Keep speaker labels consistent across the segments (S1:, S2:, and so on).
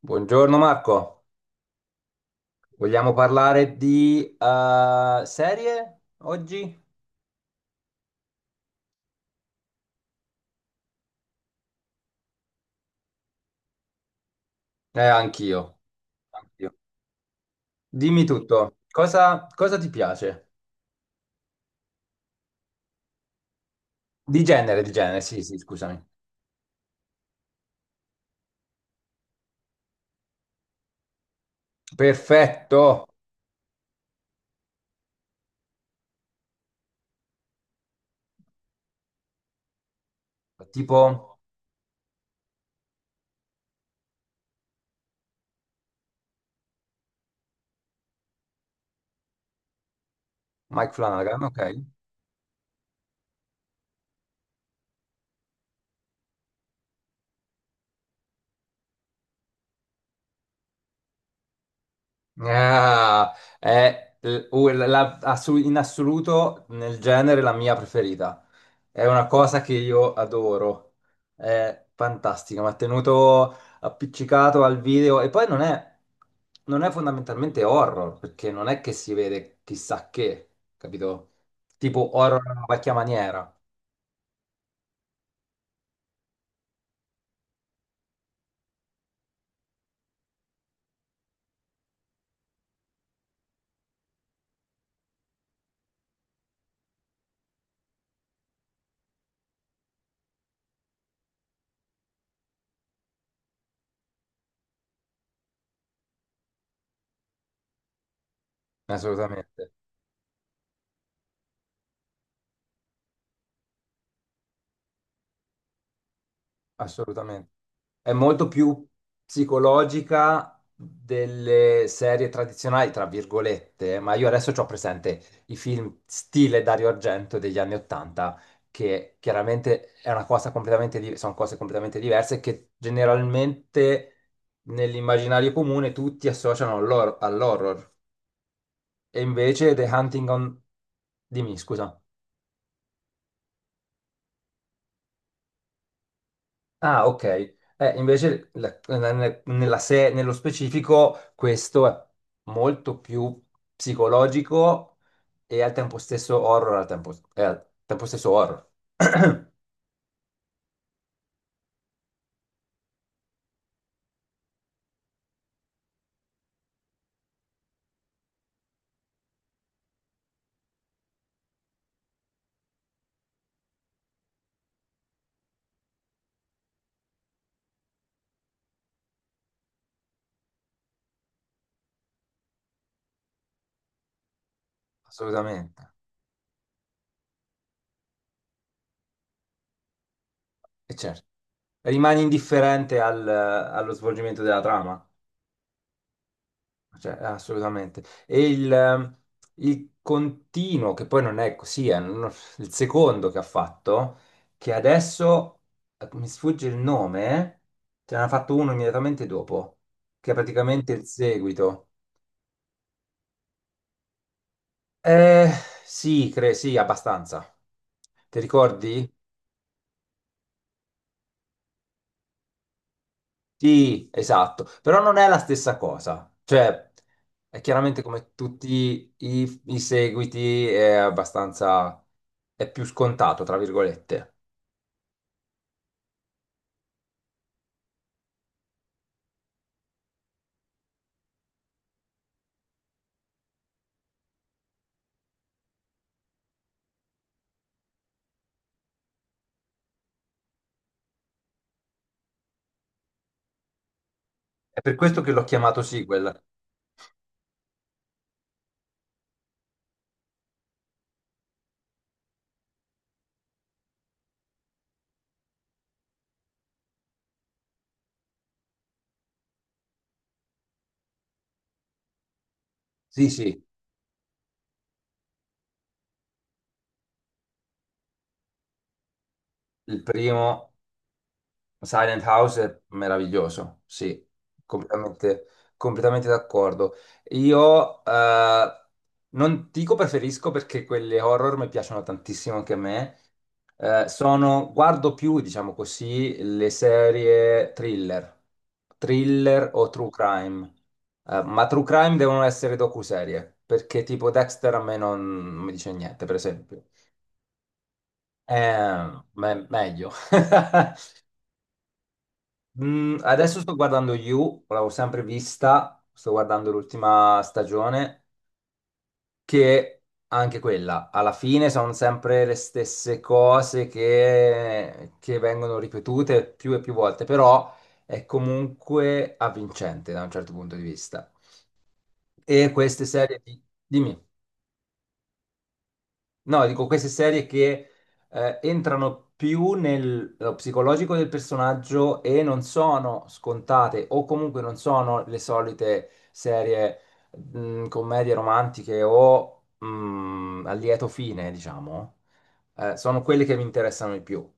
S1: Buongiorno Marco, vogliamo parlare di serie oggi? Anch'io, anch'io. Dimmi tutto, cosa ti piace? Di genere, sì, sì, scusami. Perfetto, tipo Mike Flanagan, ok. Ah, è in assoluto nel genere la mia preferita. È una cosa che io adoro. È fantastica, mi ha tenuto appiccicato al video e poi non è, non è fondamentalmente horror, perché non è che si vede chissà che, capito? Tipo horror alla vecchia maniera, assolutamente. Assolutamente. È molto più psicologica delle serie tradizionali, tra virgolette, ma io adesso ho presente i film stile Dario Argento degli anni Ottanta, che chiaramente è una cosa sono cose completamente diverse che generalmente nell'immaginario comune tutti associano all'horror. E invece The Hunting on... Dimmi, scusa. Ah, ok. Invece la- nella- nella se- nello specifico questo è molto più psicologico e al tempo stesso horror, è al tempo stesso horror, assolutamente. E certo, rimani indifferente allo svolgimento della trama? Cioè, assolutamente. E il continuo, che poi non è così, è un- il secondo che ha fatto, che adesso mi sfugge il nome, ce n'ha fatto uno immediatamente dopo, che è praticamente il seguito. Eh, sì, abbastanza. Ti ricordi? Sì, esatto, però non è la stessa cosa, cioè è chiaramente come tutti i seguiti è abbastanza, è più scontato, tra virgolette. È per questo che l'ho chiamato sequel. Sì, sì, il primo Silent House è meraviglioso, sì, completamente, completamente d'accordo. Io non dico preferisco perché quelle horror mi piacciono tantissimo anche a me. Guardo più, diciamo così, le serie thriller, thriller o true crime. Ma true crime devono essere docuserie, perché tipo Dexter a me non non mi dice niente, per esempio. Meglio. Adesso sto guardando You, l'avevo sempre vista, sto guardando l'ultima stagione, che anche quella, alla fine sono sempre le stesse cose che vengono ripetute più e più volte, però è comunque avvincente da un certo punto di vista. E queste serie di... Dimmi. No, dico queste serie che entrano più nello psicologico del personaggio e non sono scontate, o comunque non sono le solite serie commedie romantiche o a lieto fine, diciamo. Sono quelle che mi interessano di più.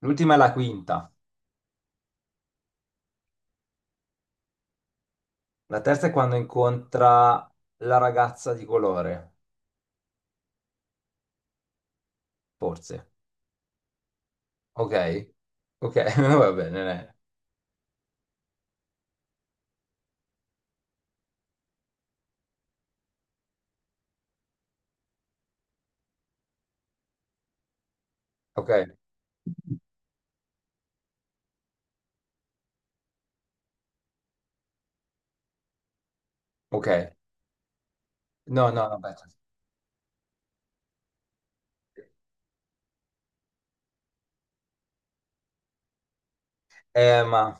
S1: L'ultima è la quinta, la terza è quando incontra la ragazza di colore, forse. Ok? Ok, va bene, eh. Ok, ok. No, no, no, aspetta. Ma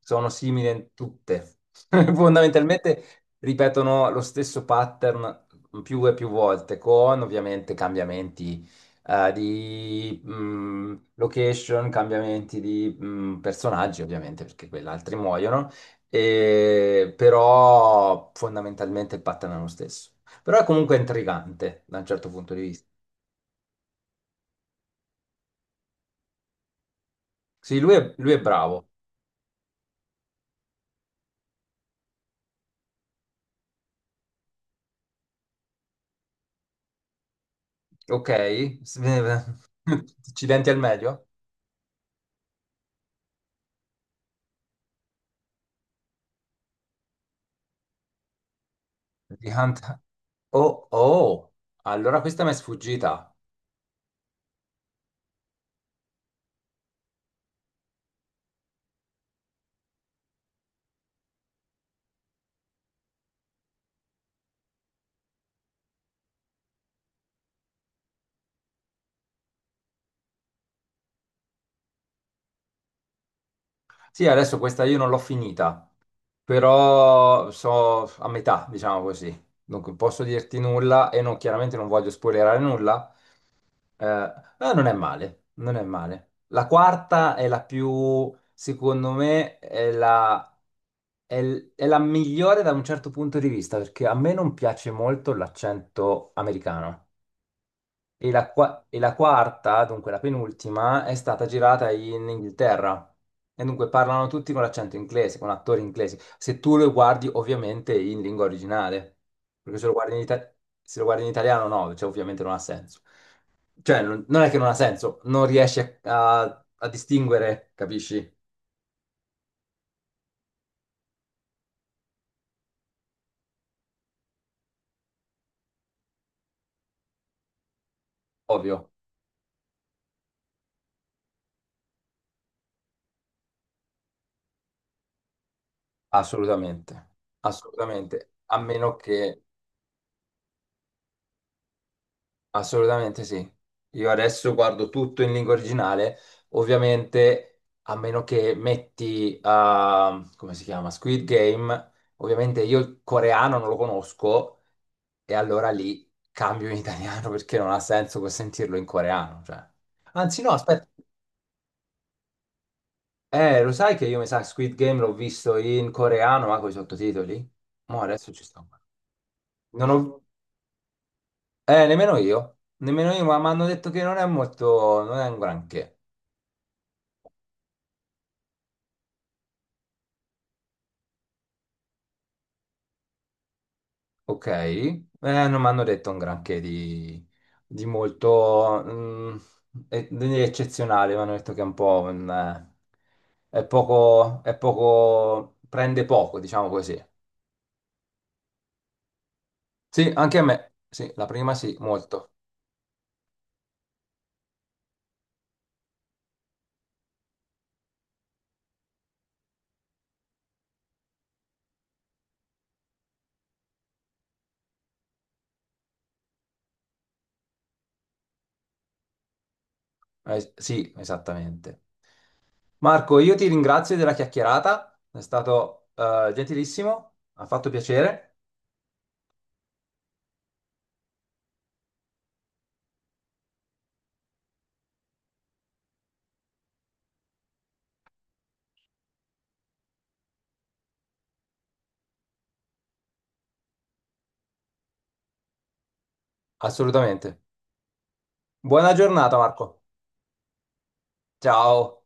S1: sono simili in tutte. Fondamentalmente ripetono lo stesso pattern più e più volte, con ovviamente cambiamenti di location, cambiamenti di personaggi, ovviamente, perché quelli altri muoiono, e, però fondamentalmente il pattern è lo stesso. Però è comunque intrigante da un certo punto di vista. Sì, lui è bravo, ok? Accidenti al meglio? Di Hunt. Oh, oh, allora questa mi è sfuggita. Sì, adesso questa io non l'ho finita, però so a metà, diciamo così. Dunque, posso dirti nulla e non, chiaramente non voglio spoilerare nulla. Non è male, non è male. La quarta è la più, secondo me, è la migliore da un certo punto di vista, perché a me non piace molto l'accento americano. E la quarta, dunque la penultima, è stata girata in Inghilterra. E dunque parlano tutti con l'accento inglese, con attori inglesi. Se tu lo guardi ovviamente in lingua originale, perché se lo guardi in, ita- se lo guardi in italiano no, cioè, ovviamente non ha senso. Cioè non è che non ha senso, non riesci a distinguere, capisci? Ovvio, assolutamente, assolutamente, a meno che... Assolutamente sì. Io adesso guardo tutto in lingua originale, ovviamente a meno che metti, ah, come si chiama? Squid Game, ovviamente io il coreano non lo conosco e allora lì cambio in italiano perché non ha senso sentirlo in coreano. Cioè. Anzi no, aspetta, lo sai che io mi sa Squid Game l'ho visto in coreano ma con i sottotitoli? Mo adesso ci sto. Non ho... nemmeno io, ma mi hanno detto che non è molto, non è un granché. Ok, non mi hanno detto un granché di molto di eccezionale, mi hanno detto che è un po' un, è poco, prende poco, diciamo così. Sì, anche a me, sì, la prima sì, molto. Sì, esattamente. Marco, io ti ringrazio della chiacchierata, è stato gentilissimo, ha fatto piacere, assolutamente. Buona giornata, Marco. Ciao.